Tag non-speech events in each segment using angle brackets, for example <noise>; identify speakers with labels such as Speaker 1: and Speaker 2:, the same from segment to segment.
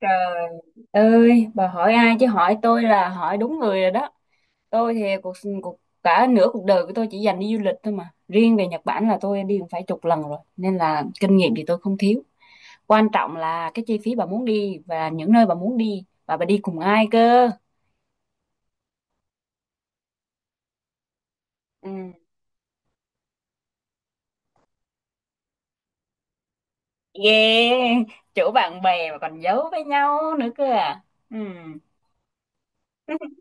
Speaker 1: Trời ơi, bà hỏi ai chứ hỏi tôi là hỏi đúng người rồi đó. Tôi thì cuộc cuộc cả nửa cuộc đời của tôi chỉ dành đi du lịch thôi, mà riêng về Nhật Bản là tôi đi cũng phải chục lần rồi, nên là kinh nghiệm thì tôi không thiếu. Quan trọng là cái chi phí bà muốn đi, và những nơi bà muốn đi, và bà đi cùng ai cơ. Ừ. Ghê, chỗ bạn bè mà còn giấu với nhau nữa cơ à. Ừ. <laughs>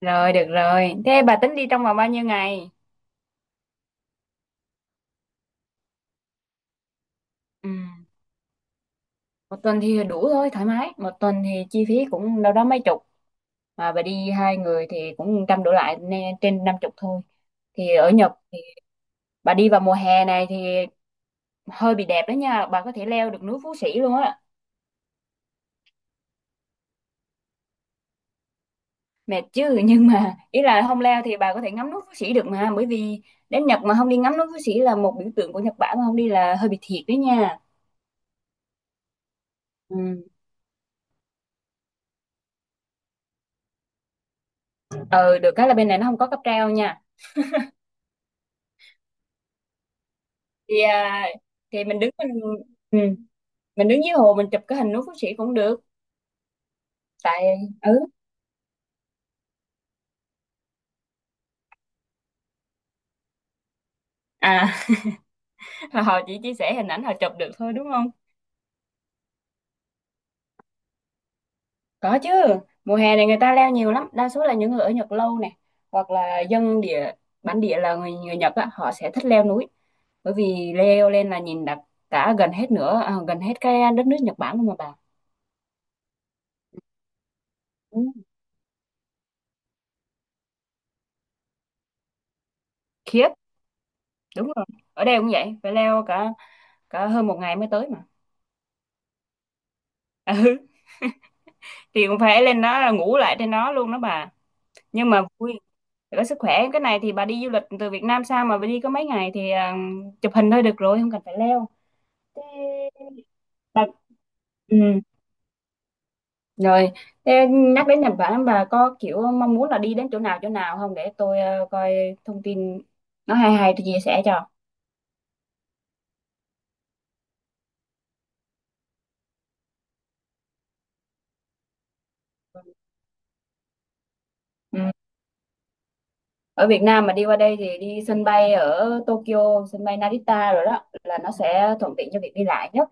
Speaker 1: Rồi, được rồi, thế bà tính đi trong vòng bao nhiêu ngày? Ừ. Một tuần thì đủ thôi, thoải mái. Một tuần thì chi phí cũng đâu đó mấy chục, mà bà đi hai người thì cũng trăm đổ lại, nên trên năm chục thôi. Thì ở Nhật thì bà đi vào mùa hè này thì hơi bị đẹp đó nha, bà có thể leo được núi Phú Sĩ luôn á. Mệt chứ, <laughs> nhưng mà ý là không leo thì bà có thể ngắm núi Phú Sĩ được. Mà bởi vì đến Nhật mà không đi ngắm núi Phú Sĩ là một biểu tượng của Nhật Bản, mà không đi là hơi bị thiệt đấy nha. Ừ. Ừ, được cái là bên này nó không có cáp treo nha. Thì à, thì mình đứng mình. Ừ. Mình đứng dưới hồ mình chụp cái hình núi Phú Sĩ cũng được. Tại, ừ à. <laughs> Họ chỉ chia sẻ hình ảnh họ chụp được thôi, đúng không? Có chứ, mùa hè này người ta leo nhiều lắm. Đa số là những người ở Nhật lâu này, hoặc là dân địa, bản địa, là người người Nhật á, họ sẽ thích leo núi. Bởi vì leo lên là nhìn đặc cả gần hết nữa à, gần hết cái đất nước Nhật Bản luôn mà bà. Ừ. Khiếp, đúng rồi, ở đây cũng vậy, phải leo cả cả hơn một ngày mới tới mà. Ừ, thì cũng phải lên đó là ngủ lại trên đó luôn đó bà. Nhưng mà vui. Để có sức khỏe cái này thì bà đi du lịch từ Việt Nam sang mà bà đi có mấy ngày thì à, chụp hình thôi được rồi, không cần phải leo. Thế bà... Ừ. Rồi. Thế nhắc đến Nhật Bản, bà có kiểu mong muốn là đi đến chỗ nào không để tôi ờ, coi thông tin nó hay hay tôi chia sẻ cho. Ừ. Ở Việt Nam mà đi qua đây thì đi sân bay ở Tokyo, sân bay Narita rồi đó, là nó sẽ thuận tiện cho việc đi lại nhất.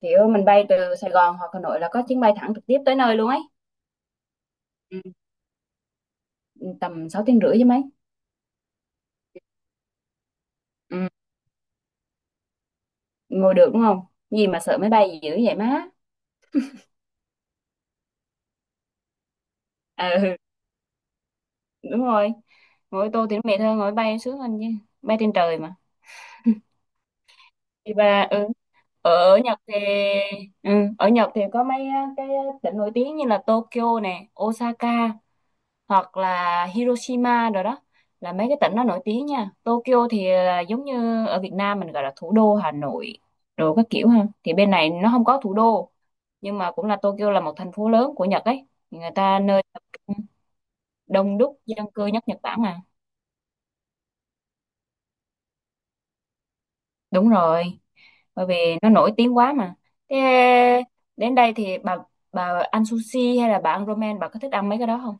Speaker 1: Kiểu mình bay từ Sài Gòn hoặc Hà Nội là có chuyến bay thẳng trực tiếp tới nơi luôn ấy. Ừ. Tầm 6 tiếng rưỡi chứ mấy. Ừ. Ngồi được đúng không? Gì mà sợ máy bay dữ vậy má. Ừ. <laughs> Đúng rồi, ngồi ô tô thì nó mệt hơn, ngồi bay sướng hơn chứ, bay trên trời mà. Thì bà, ừ. Ở Nhật thì, ừ, ở Nhật thì có mấy á, cái tỉnh nổi tiếng như là Tokyo nè, Osaka, hoặc là Hiroshima rồi đó, là mấy cái tỉnh nó nổi tiếng nha. Tokyo thì là giống như ở Việt Nam mình gọi là thủ đô Hà Nội rồi các kiểu ha, thì bên này nó không có thủ đô, nhưng mà cũng là Tokyo là một thành phố lớn của Nhật ấy. Thì người ta nơi đông đúc dân cư nhất Nhật Bản mà. Đúng rồi, bởi vì nó nổi tiếng quá mà. Thế đến đây thì bà ăn sushi hay là bà ăn ramen, bà có thích ăn mấy cái đó không?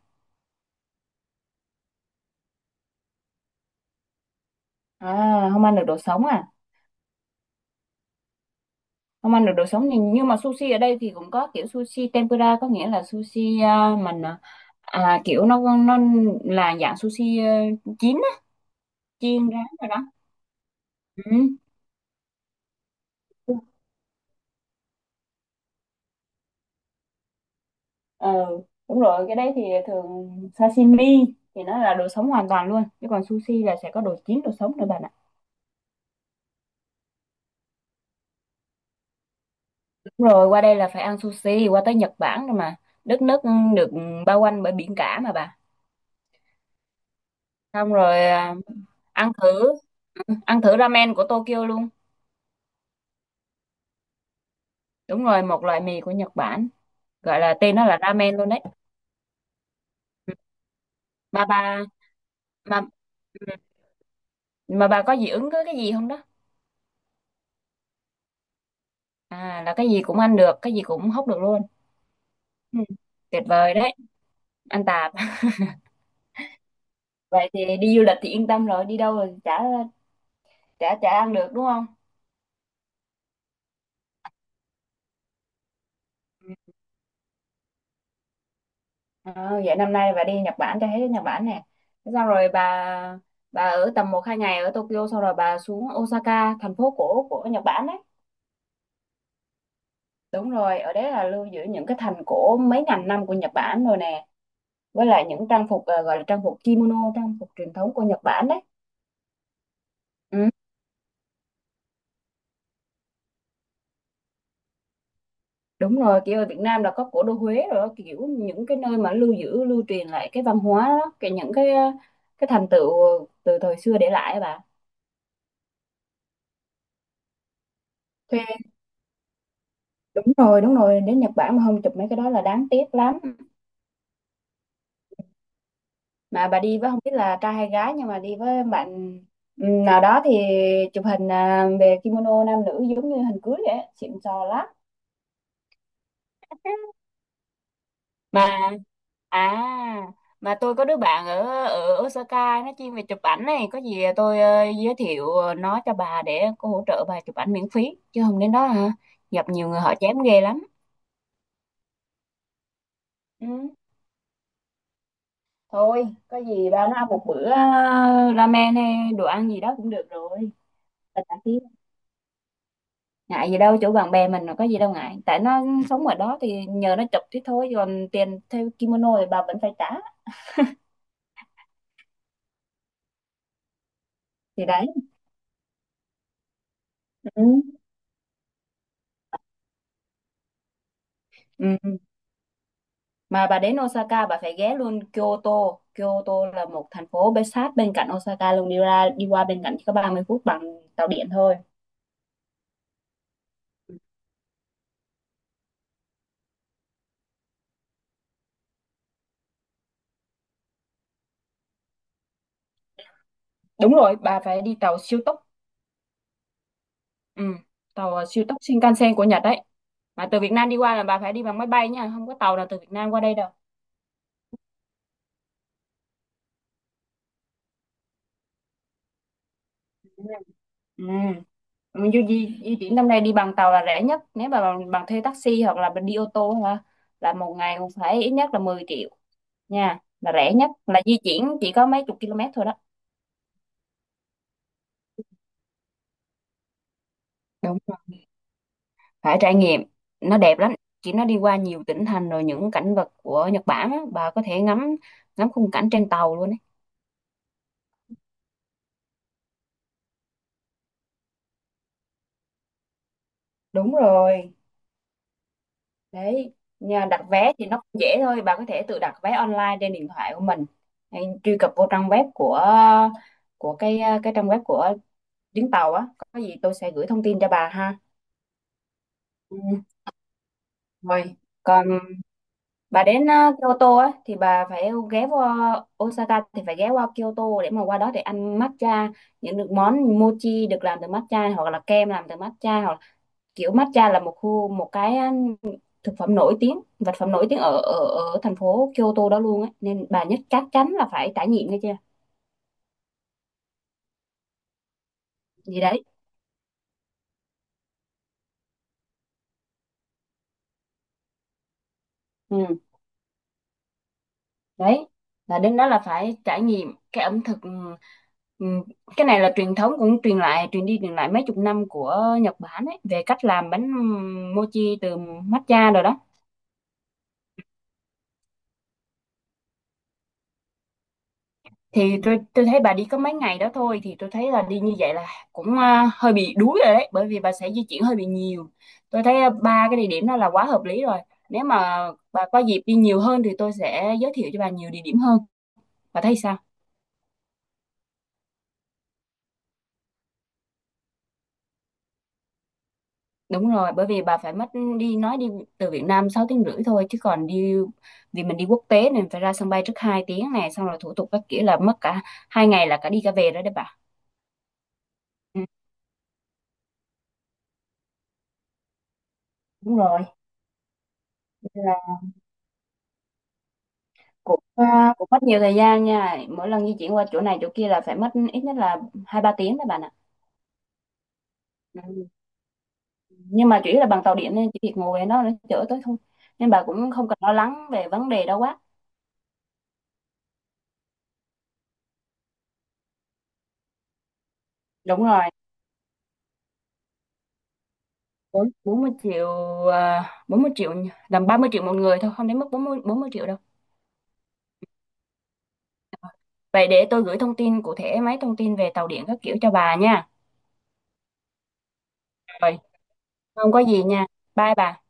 Speaker 1: À không ăn được đồ sống à? Không ăn được đồ sống thì, nhưng mà sushi ở đây thì cũng có kiểu sushi tempura, có nghĩa là sushi à, mình à, à, kiểu nó là dạng sushi à, chín á, chiên rán rồi đó. Ừ. Ờ đúng rồi, cái đấy thì thường sashimi thì nó là đồ sống hoàn toàn luôn, chứ còn sushi là sẽ có đồ chín đồ sống nữa bạn ạ. Đúng rồi, qua đây là phải ăn sushi, qua tới Nhật Bản rồi mà, đất nước được bao quanh bởi biển cả mà bà. Xong rồi à, ăn thử, ăn thử ramen của Tokyo luôn. Đúng rồi, một loại mì của Nhật Bản, gọi là tên nó là ramen luôn đấy. Mà bà, mà mà bà có dị ứng với cái gì không đó? À, là cái gì cũng ăn được, cái gì cũng hóc được luôn. Ừ. Tuyệt vời đấy. Ăn Tài. Vậy thì đi du lịch thì yên tâm rồi, đi đâu rồi chả chả chả ăn được đúng không? Ờ, vậy năm nay bà đi Nhật Bản cho hết Nhật Bản nè. Thế xong rồi bà ở tầm một hai ngày ở Tokyo, xong rồi bà xuống Osaka, thành phố cổ của Nhật Bản đấy. Đúng rồi, ở đấy là lưu giữ những cái thành cổ mấy ngàn năm của Nhật Bản rồi nè, với lại những trang phục ờ, gọi là trang phục kimono, trang phục truyền thống của Nhật Bản đấy. Ừ. Đúng rồi, kiểu ở Việt Nam là có cổ đô Huế rồi đó, kiểu những cái nơi mà lưu giữ, lưu truyền lại cái văn hóa đó, cái những cái thành tựu từ thời xưa để lại á bà. Thuê. Đúng rồi, đến Nhật Bản mà không chụp mấy cái đó là đáng tiếc lắm. Mà bà đi với không biết là trai hay gái, nhưng mà đi với bạn ừ, nào đó thì chụp hình à, về kimono nam nữ giống như hình cưới vậy á, xịn sò lắm. Mà, à, mà tôi có đứa bạn ở ở Osaka, nó chuyên về chụp ảnh này, có gì tôi ờ, giới thiệu ờ, nó cho bà để cô hỗ trợ bà chụp ảnh miễn phí, chứ không đến đó hả? Gặp nhiều người họ chém ghê lắm. Ừ, thôi, có gì bà nó ăn một bữa ờ, ramen hay đồ ăn gì đó cũng được rồi. Là tại chứ, ngại gì đâu, chỗ bạn bè mình mà có gì đâu ngại. Tại nó sống ở đó thì nhờ nó chụp thế thôi, còn tiền theo kimono thì bà vẫn phải trả. Thì đấy. Ừ. Ừ. Mà bà đến Osaka bà phải ghé luôn Kyoto. Kyoto là một thành phố bên sát bên cạnh Osaka luôn, đi ra đi qua bên cạnh chỉ có 30 phút bằng tàu điện thôi. Đúng rồi, bà phải đi tàu siêu tốc. Ừ, tàu ờ, siêu tốc Shinkansen của Nhật đấy. Mà từ Việt Nam đi qua là bà phải đi bằng máy bay nha, không có tàu nào từ Việt Nam qua đây đâu. Ừ. Mình di, di di chuyển năm nay đi bằng tàu là rẻ nhất. Nếu mà bằng thuê taxi hoặc là đi ô tô hả? Là một ngày cũng phải ít nhất là 10 triệu nha, là rẻ nhất là di chuyển chỉ có mấy chục km thôi đó. Đúng, phải trải nghiệm, nó đẹp lắm. Chị nó đi qua nhiều tỉnh thành rồi, những cảnh vật của Nhật Bản á, bà có thể ngắm ngắm khung cảnh trên tàu luôn ấy. Đúng rồi đấy. Nhà đặt vé thì nó cũng dễ thôi, bà có thể tự đặt vé online trên điện thoại của mình, hay truy cập vô trang web của cái trang web của chuyến tàu á. Có gì tôi sẽ gửi thông tin cho bà ha. Ừ, rồi. Còn bà đến ờ, Kyoto á thì bà phải ghé qua Osaka thì phải ghé qua Kyoto để mà qua đó để ăn matcha, những được món mochi được làm từ matcha, hoặc là kem làm từ matcha, hoặc là kiểu matcha là một khu, một cái ờ, thực phẩm nổi tiếng, vật phẩm nổi tiếng ở ở ở thành phố Kyoto đó luôn á, nên bà nhất chắc chắn là phải trải nghiệm nghe chưa. Gì đấy. Ừ đấy, là đến đó là phải trải nghiệm cái ẩm thực cái này là truyền thống cũng truyền lại, truyền đi truyền lại mấy chục năm của Nhật Bản ấy, về cách làm bánh mochi từ matcha rồi đó. Thì tôi thấy bà đi có mấy ngày đó thôi thì tôi thấy là đi như vậy là cũng à, hơi bị đuối rồi đấy, bởi vì bà sẽ di chuyển hơi bị nhiều. Tôi thấy à, ba cái địa điểm đó là quá hợp lý rồi. Nếu mà bà có dịp đi nhiều hơn thì tôi sẽ giới thiệu cho bà nhiều địa điểm hơn. Bà thấy sao? Đúng rồi, bởi vì bà phải mất đi nói đi từ Việt Nam 6 tiếng rưỡi thôi chứ còn đi, vì mình đi quốc tế nên phải ra sân bay trước 2 tiếng này, xong rồi thủ tục các kiểu là mất cả hai ngày là cả đi cả về rồi đấy bà. Ừ, đúng rồi, nên là cũng à, cũng mất nhiều thời gian nha. Mỗi lần di chuyển qua chỗ này chỗ kia là phải mất ít nhất là 2 3 tiếng đấy bạn ạ. Ừ. Nhưng mà chủ yếu là bằng tàu điện, nên chỉ việc ngồi ở đó nó chở tới thôi. Nên bà cũng không cần lo lắng về vấn đề đâu quá. Đúng rồi. 40 triệu à, 40 triệu làm 30 triệu một người thôi, không đến mức bốn mươi triệu đâu. Vậy để tôi gửi thông tin cụ thể mấy thông tin về tàu điện các kiểu cho bà nha. Rồi, không có gì nha. Bye bà.